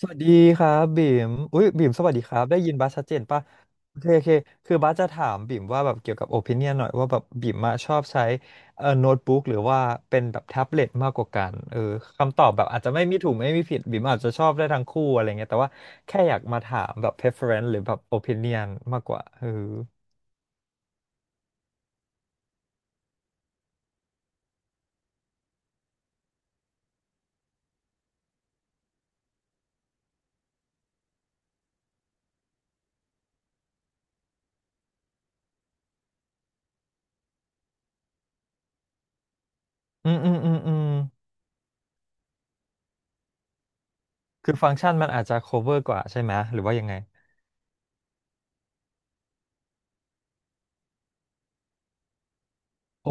สวัสดีครับบิ่มอุ้ยบิ่มสวัสดีครับได้ยินบัสชัดเจนปะโอเคโอเคคือบัสจะถามบิ่มว่าแบบเกี่ยวกับโอ i ิเนียนหน่อยว่าแบบบิ่มอะชอบใช้โน้ตบุ๊กหรือว่าเป็นแบบแท็บเล็ตมากกว่ากันเออคำตอบแบบอาจจะไม่มีถูกไม่มีผิดบิ่มอาจจะชอบได้ทั้งคู่อะไรเงี้ยแต่ว่าแค่อยากมาถามแบบ preference หรือแบบโอ i ิเนียนมากกว่าเอออืมคือฟังก์ชันมันอาจจะ cover กว่าใช่ไหมหรือว่ายังไงโอ้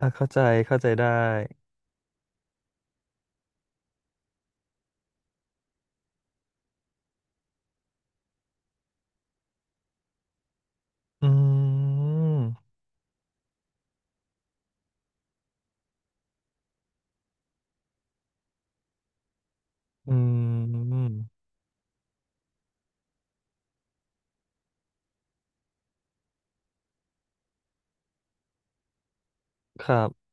อ่ะเข้าใจเข้าใจได้อืม อืมครับ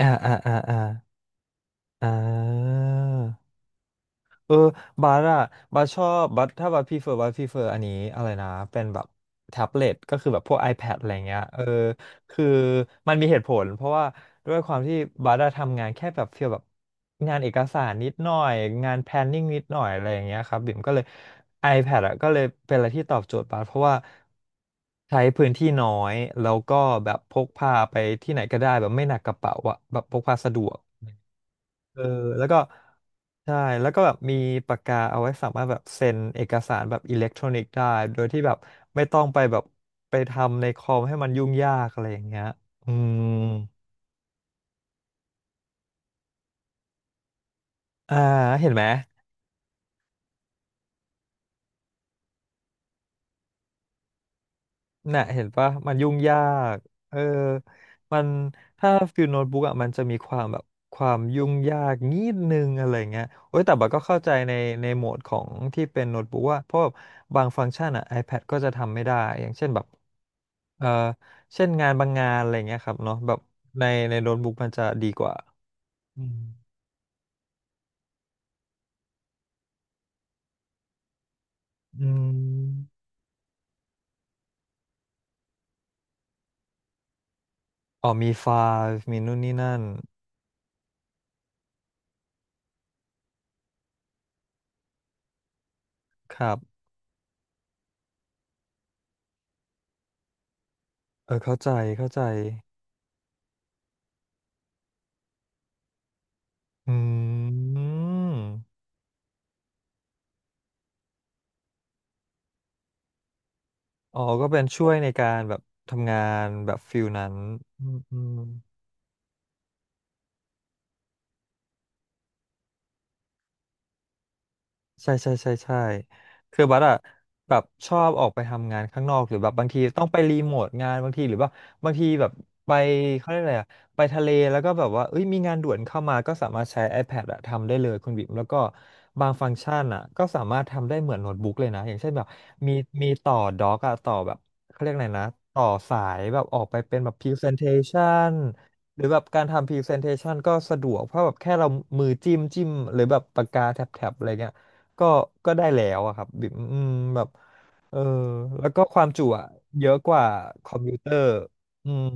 อ่าอ่าอ่าอ่าอ่า เออบัสอะบัสชอบบัสถ้าบัสพรีเฟอร์บัสพรีเฟอร์อันนี้อะไรนะเป็นแบบแท็บเล็ตก็คือแบบพวก iPad อะไรเงี้ยเออคือมันมีเหตุผลเพราะว่าด้วยความที่บัสอะทำงานแค่แบบฟีลแบบงานเอกสารนิดหน่อยงาน planning นิดหน่อยอะไรอย่างเงี้ยครับบิ่มก็เลย iPad อะก็เลยเป็นอะไรที่ตอบโจทย์บัสเพราะว่าใช้พื้นที่น้อยแล้วก็แบบพกพาไปที่ไหนก็ได้แบบไม่หนักกระเป๋าอะแบบพกพาสะดวก เออแล้วก็ใช่แล้วก็แบบมีปากกาเอาไว้สามารถแบบเซ็นเอกสารแบบอิเล็กทรอนิกส์ได้โดยที่แบบไม่ต้องไปแบบไปทำในคอมให้มันยุ่งยากอะไรอย่างเงี้ยอืมอ่าเห็นไหม น่ะเห็นปะมันยุ่งยากเออมันถ้าฟิลโน้ตบุ๊กอ่ะมันจะมีความแบบความยุ่งยากนิดนึงอะไรเงี้ยโอ้ยแต่บัดก็เข้าใจในโหมดของที่เป็นโน้ตบุ๊กว่าเพราะแบบบางฟังก์ชันอ่ะ iPad ก็จะทำไม่ได้อย่างเช่นแบบเออเช่นงานบางงานอะไรเงี้ยครับเนาะแบบในโน้ตบุ๊กมันจะดีกว่าอืมอืมอ๋อมีไฟล์มีนู่นนี่นั่นครับเออเข้าใจเข้าใจอืม อ๋อก็เป็นช่วยในการแบบทำงานแบบฟิลนั้นอืมอืม ใช่ใช่ใช่ใช่คือบัสอะแบบชอบออกไปทำงานข้างนอกหรือแบบบางทีต้องไปรีโมทงานบางทีหรือว่าบางทีแบบไปเขาเรียกอะไรอะไปทะเลแล้วก็แบบว่าเอ้ยมีงานด่วนเข้ามาก็สามารถใช้ iPad อะทำได้เลยคุณบิ๊มแล้วก็บางฟังก์ชันอะก็สามารถทำได้เหมือนโน้ตบุ๊กเลยนะอย่างเช่นแบบมีมีต่อด็อกอะต่อแบบเขาเรียกอะไรนะต่อสายแบบออกไปเป็นแบบ presentation หรือแบบการทำ presentation ก็สะดวกเพราะแบบแค่เรามือจิ้มจิ้มหรือแบบปากกาแท็บแท็บอะไรเงี้ย ก็ก็ได้แล้วอะครับบิมอืมแบบเออแล้วก็ความจุอะเยอะกว่าคอมพิวเตอร์อืม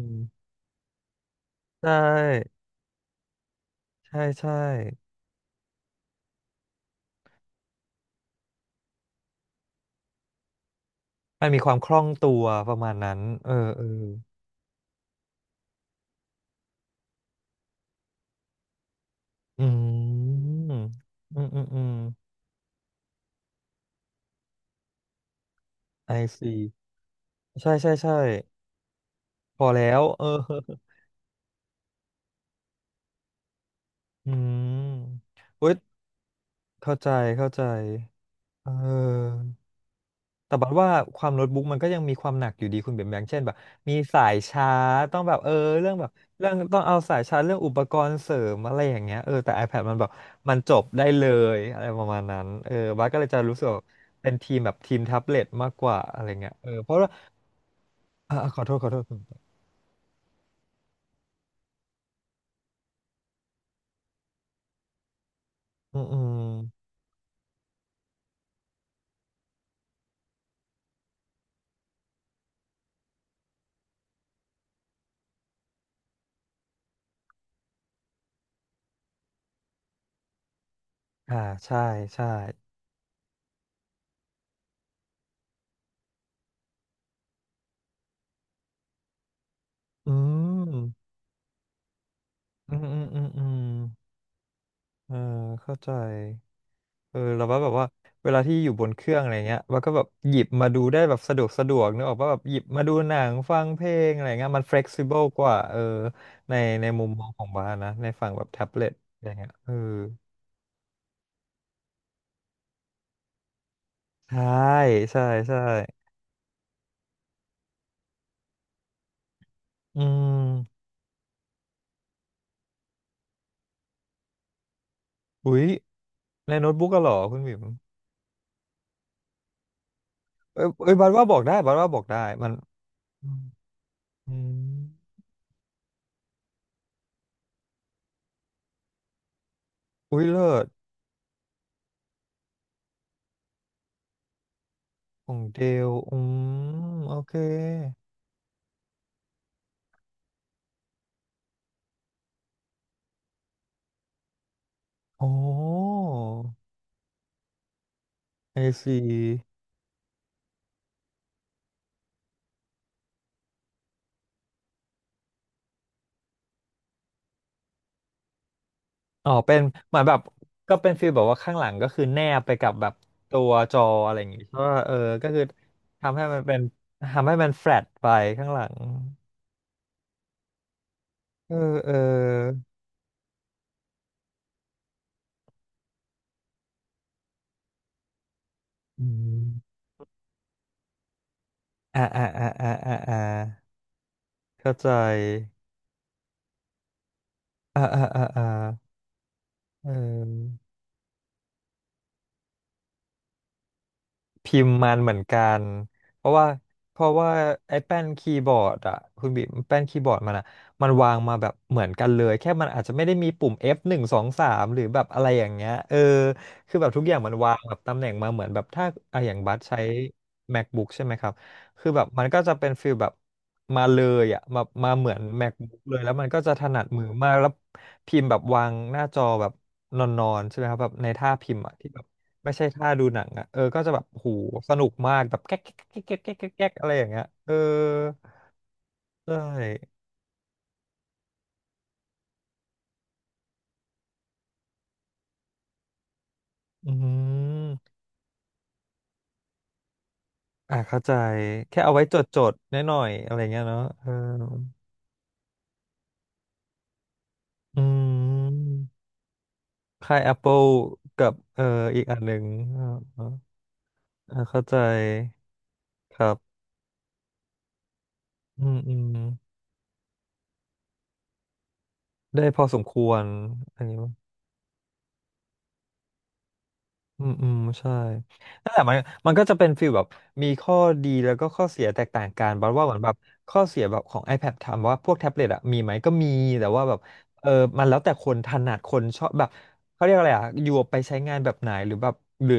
ใช่ใช่ใช่มันมีความคล่องตัวประมาณนั้นเออเอออืมอืมอืมอืมไอซีใช่ใช่ใช่พอแล้วเออ อืมเว้ยเข้าใจเข้าใจเออ แต่บัดว่าความโน้ตบุ๊กมันก็ยังมีความหนักอยู่ดีคุณเบนแบงเช่นแบบมีสายชาร์จต้องแบบเออเรื่องแบบเรื่องต้องเอาสายชาร์จเรื่องอุปกรณ์เสริมอะไรอย่างเงี้ยเออแต่ iPad มันแบบมันจบได้เลยอะไรประมาณนั้นเออบัสก็เลยจะรู้สึกว่าเป็นทีมแบบทีมแท็บเล็ตมากกว่าอะไรเงี้ยเออเพราะว่าอ่าขอโทษขอโทษคุณอืมอืมอ่าใช่ใช่อืมอืมอืมอืมอืมเออเข้าใจ เออเราว่าแบบว่าเวลาที่อยู่บนเครื่องอะไรเงี้ยมันก็แบบหยิบมาดูได้แบบสะดวกสะดวกนึกออกว่าแบบหยิบมาดูหนังฟังเพลงอะไรเงี้ยมัน flexible กว่าเออในมุมมองของบ้านนะในฝั่งแบบแท็บเล็ตอะไรเงี้ยเออใช่ใช่ใช่อืมอุ๊ยในโน้ตบุ๊กก็หรอคุณบิ๋มเอ้ยเอ้ยบัดว่าบอกได้บัดว่าบอกได้มันอืมอืมอุ๊ยเลิศของเดลอืมโอเคโอ้ไอซี อ๋อเป็นเหมือนแบบก็เป็นฟีลแบบว่าข้างหลังก็คือแนบไปกับแบบตัวจออะไรอย่างงี้เพราะว่าเออก็คือทำให้มันเป็นทำให้มันแฟลตไปข้างหลังเออเอออืมอ่าอ่าอ่าอ่าอ่าอ่าเข้าใจอ่าอ่าอ่าอ่าเออ พิมพ์มันเหมือนกันเพราะว่าเพราะว่าไอ้แป้นคีย์บอร์ดอะคุณบีมแป้นคีย์บอร์ดมันอะมันวางมาแบบเหมือนกันเลยแค่มันอาจจะไม่ได้มีปุ่ม F หนึ่งสองสามหรือแบบอะไรอย่างเงี้ยเออคือแบบทุกอย่างมันวางแบบตำแหน่งมาเหมือนแบบถ้าอะอย่างบัสใช้ MacBook ใช่ไหมครับคือแบบมันก็จะเป็นฟิลแบบมาเลยอะมามาเหมือน MacBook เลยแล้วมันก็จะถนัดมือมากแล้วพิมพ์แบบวางหน้าจอแบบนอนๆใช่ไหมครับแบบในท่าพิมพ์อะที่แบบ ไม่ใช่ท่าดูหนังอ่ะเออก็จะแบบโหสนุกมากแบบแก๊กแก๊กแก๊กแก๊กแก๊กแก๊กแก๊กอะไรอย่างเงี้ยเออใช่อืมอ่ะเข้าใจ แค่เอาไว้จดจดน้อยหน่อยๆอะไรเงี้ยเนาะเอออืมค่าย Apple กับเอออีกอันหนึ่งเอออ่ะเข้าใจ ครับ อืมอืมได้พอสมควร อันนี้ อืมอืมใช่นั่นแหละมันก็จะเป็นฟีลแบบมีข้อดีแล้วก็ข้อเสียแตกต่างกันบัดว่าเหมือนแบบข้อเสียแบบของ iPad ถามว่าพวกแท็บเล็ตอะมีไหมก็มีแต่ว่าแบบเออมันแล้วแต่คนถนัดคนชอบแบบเขาเรียกอะไรอะอยู่ไปใช้งานแบบไหนหรือแบบหรือ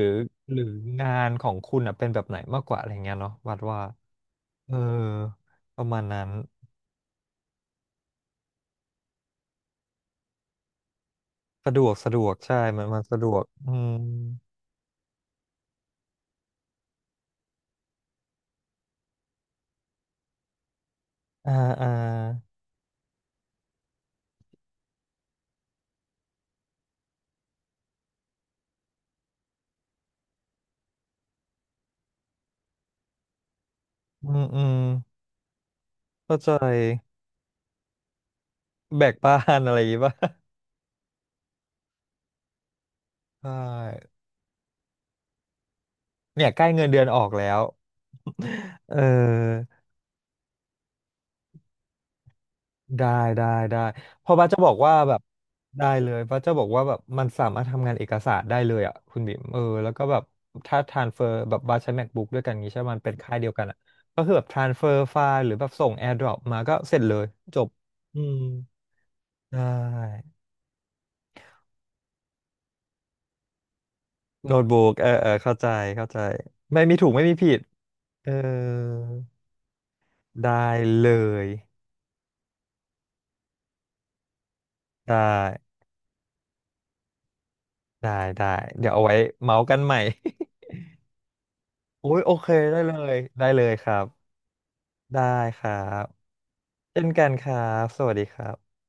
หรืองานของคุณอะเป็นแบบไหนมากกว่าอะไรเงี้ยเนาะวัดว่าเออประมาณนั้นสะดวกสะดวกใช่มันสะดวกอืมอ่าอ่าอืมอืมเข้าใจแบกบ้านอะไรอย่างงี้ ป่ะ ใช่เนี่ยใกล้เงินเดือนออกแล้ว เออได้ได้ได้เพราะบัสจะบอกว่าแบบได้เลยบัสจะบอกว่าแบบมันสามารถทำงานเอกสารได้เลยอ่ะคุณบิ๊มเออแล้วก็แบบถ้า transfer แบบบัสใช้ MacBook ด้วยกันงี้ใช่ไหมมันเป็นค่ายเดียวกันอ่ะก็คือแบบ transfer ไฟล์หรือแบบส่ง AirDrop มาก็เสร็จเลยจบ อืม ได้โน้ตบุ๊กเออเออเข้าใจเข้าใจ ไม่มีถูกไม่มีผิดเออได้เลยได้ ได้ได้เดี๋ยวเอาไว้เมาส์กันใหม่ โอ้ยโอเคได้เลยได้เลยครับได้ครับเช่นกันครับสวัสดีครับ